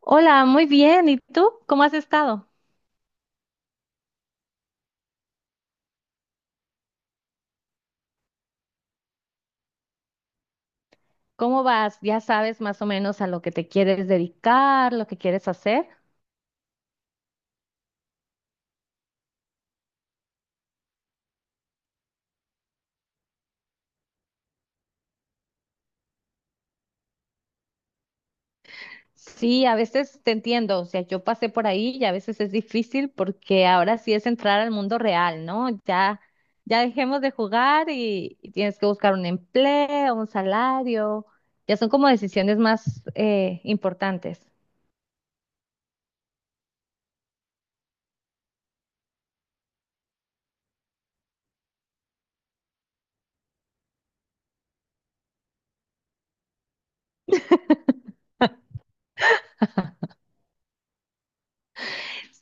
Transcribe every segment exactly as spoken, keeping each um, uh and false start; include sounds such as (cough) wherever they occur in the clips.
Hola, muy bien. ¿Y tú? ¿Cómo has estado? ¿Cómo vas? ¿Ya sabes más o menos a lo que te quieres dedicar, lo que quieres hacer? Sí, a veces te entiendo. O sea, yo pasé por ahí y a veces es difícil porque ahora sí es entrar al mundo real, ¿no? Ya, ya dejemos de jugar y, y tienes que buscar un empleo, un salario. Ya son como decisiones más eh, importantes.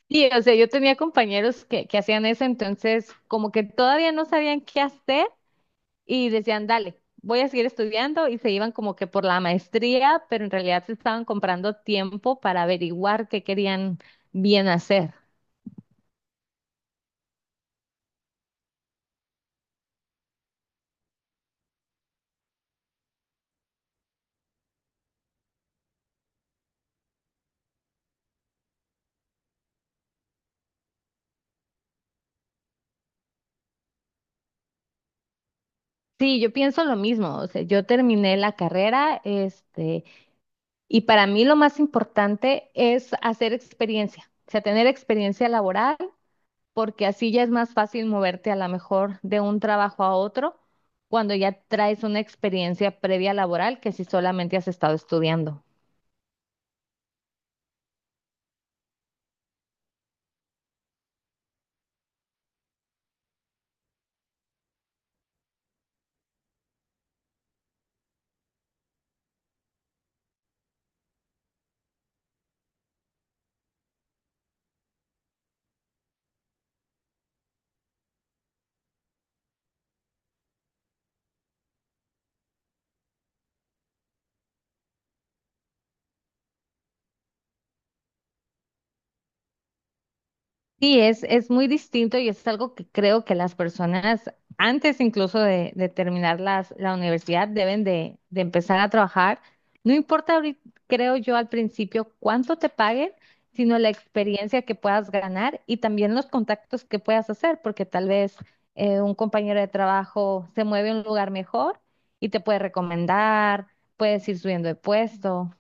Sí, o sea, yo tenía compañeros que, que hacían eso, entonces como que todavía no sabían qué hacer. Y decían, dale, voy a seguir estudiando y se iban como que por la maestría, pero en realidad se estaban comprando tiempo para averiguar qué querían bien hacer. Sí, yo pienso lo mismo. O sea, yo terminé la carrera, este, y para mí lo más importante es hacer experiencia, o sea, tener experiencia laboral, porque así ya es más fácil moverte a lo mejor de un trabajo a otro cuando ya traes una experiencia previa laboral que si solamente has estado estudiando. Sí, es, es muy distinto y es algo que creo que las personas, antes incluso de, de terminar las- la universidad, deben de, de empezar a trabajar. No importa, ahorita, creo yo, al principio cuánto te paguen, sino la experiencia que puedas ganar y también los contactos que puedas hacer, porque tal vez eh, un compañero de trabajo se mueve a un lugar mejor y te puede recomendar, puedes ir subiendo de puesto.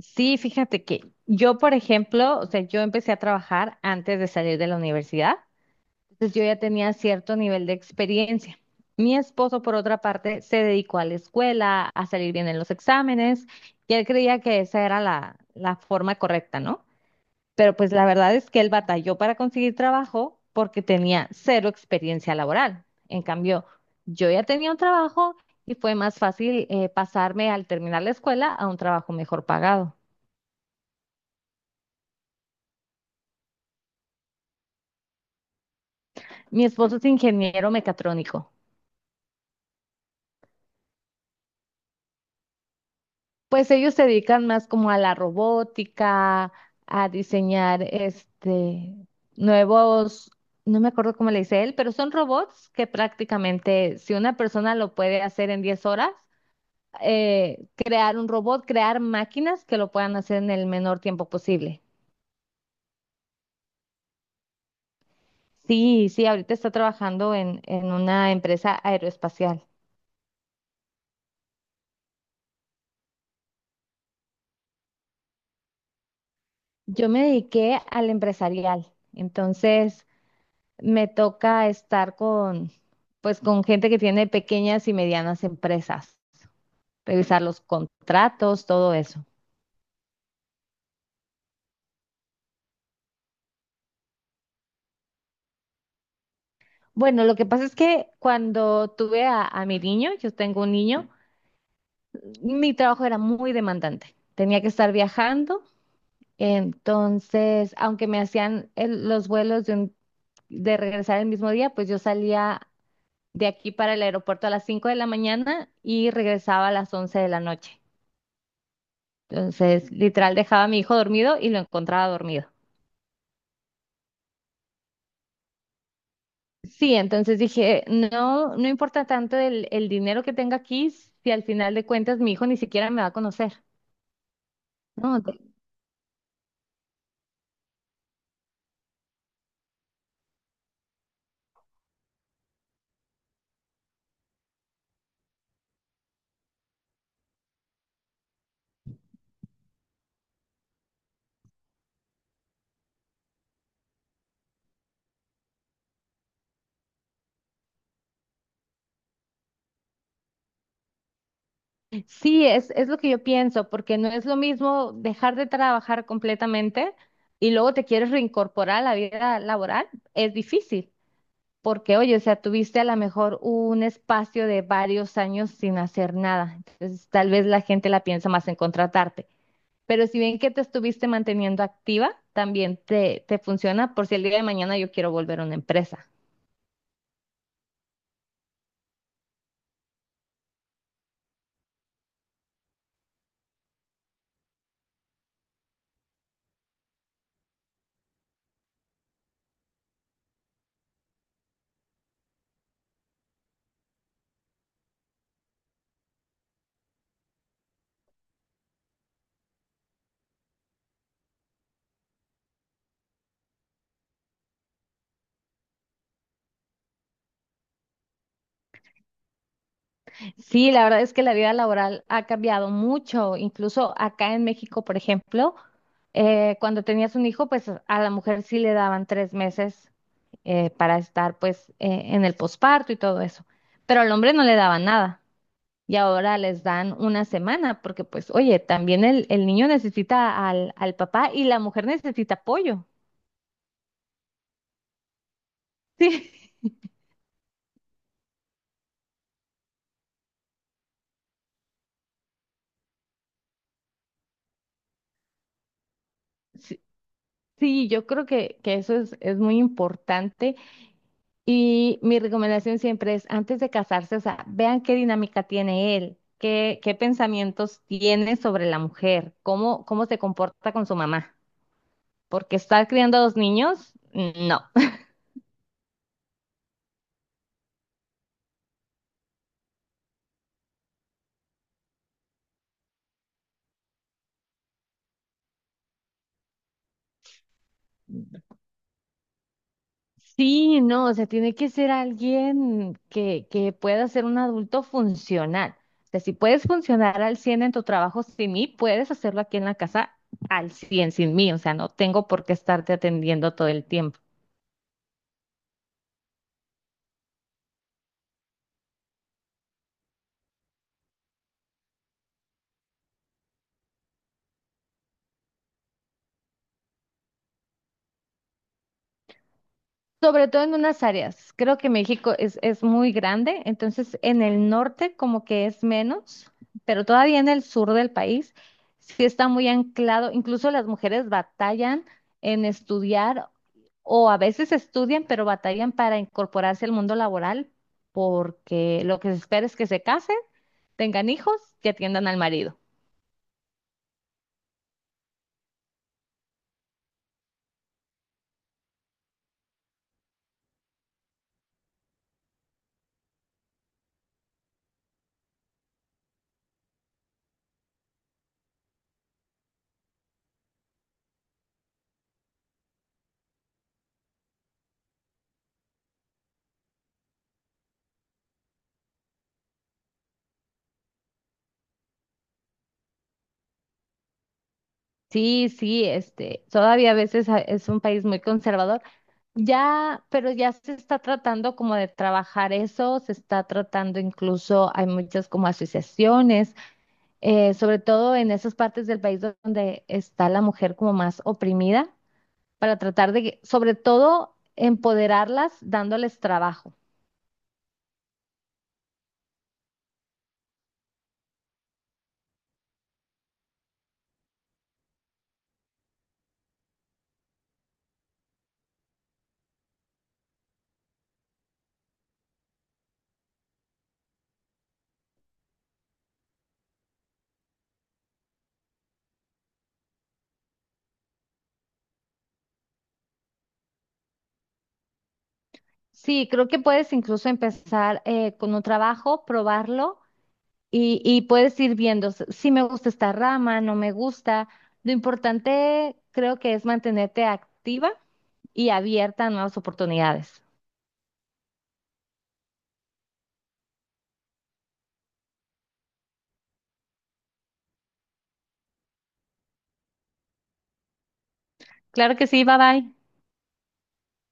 Sí, fíjate que yo, por ejemplo, o sea, yo empecé a trabajar antes de salir de la universidad, entonces yo ya tenía cierto nivel de experiencia. Mi esposo, por otra parte, se dedicó a la escuela, a salir bien en los exámenes, y él creía que esa era la, la forma correcta, ¿no? Pero pues la verdad es que él batalló para conseguir trabajo porque tenía cero experiencia laboral. En cambio, yo ya tenía un trabajo y fue más fácil eh, pasarme al terminar la escuela a un trabajo mejor pagado. Mi esposo es ingeniero mecatrónico. Pues ellos se dedican más como a la robótica, a diseñar este nuevos, no me acuerdo cómo le dice él, pero son robots que prácticamente si una persona lo puede hacer en diez horas, eh, crear un robot, crear máquinas que lo puedan hacer en el menor tiempo posible. Sí, sí, ahorita está trabajando en, en una empresa aeroespacial. Yo me dediqué al empresarial, entonces me toca estar con, pues, con gente que tiene pequeñas y medianas empresas, revisar los contratos, todo eso. Bueno, lo que pasa es que cuando tuve a, a mi niño, yo tengo un niño, mi trabajo era muy demandante. Tenía que estar viajando, entonces, aunque me hacían el- los vuelos de, un- de regresar el mismo día, pues yo salía de aquí para el aeropuerto a las cinco de la mañana y regresaba a las once de la noche. Entonces, literal, dejaba a mi hijo dormido y lo encontraba dormido. Sí, entonces dije, no, no importa tanto el, el dinero que tenga aquí si al final de cuentas mi hijo ni siquiera me va a conocer. No, de- sí, es, es lo que yo pienso, porque no es lo mismo dejar de trabajar completamente y luego te quieres reincorporar a la vida laboral, es difícil, porque oye, o sea, tuviste a lo mejor un espacio de varios años sin hacer nada, entonces tal vez la gente la piensa más en contratarte. Pero si bien que te estuviste manteniendo activa, también te, te funciona por si el día de mañana yo quiero volver a una empresa. Sí, la verdad es que la vida laboral ha cambiado mucho. Incluso acá en México, por ejemplo, eh, cuando tenías un hijo, pues a la mujer sí le daban tres meses eh, para estar pues eh, en el posparto y todo eso. Pero al hombre no le daban nada. Y ahora les dan una semana porque pues, oye, también el, el niño necesita al, al papá y la mujer necesita apoyo. (laughs) Sí. Sí, yo creo que, que eso es, es muy importante y mi recomendación siempre es antes de casarse, o sea, vean qué dinámica tiene él, qué, qué pensamientos tiene sobre la mujer, cómo, cómo se comporta con su mamá, porque estar criando a dos niños, no. (laughs) Sí, no, o sea, tiene que ser alguien que, que pueda ser un adulto funcional. O sea, si puedes funcionar al cien en tu trabajo sin mí, puedes hacerlo aquí en la casa al cien sin mí. O sea, no tengo por qué estarte atendiendo todo el tiempo. Sobre todo en unas áreas. Creo que México es, es muy grande, entonces en el norte como que es menos, pero todavía en el sur del país sí está muy anclado. Incluso las mujeres batallan en estudiar. O a veces estudian, pero batallan para incorporarse al mundo laboral porque lo que se espera es que se casen, tengan hijos y atiendan al marido. Sí, sí, este, todavía a veces a- es un país muy conservador. Ya, pero ya se está tratando como de trabajar eso, se está tratando incluso, hay muchas como asociaciones, eh, sobre todo en esas partes del país donde está la mujer como más oprimida, para tratar de, sobre todo, empoderarlas dándoles trabajo. Sí, creo que puedes incluso empezar eh, con un trabajo, probarlo y, y puedes ir viendo s- si me gusta esta rama, no me gusta. Lo importante creo que es mantenerte activa y abierta a nuevas oportunidades. Claro que sí, bye bye.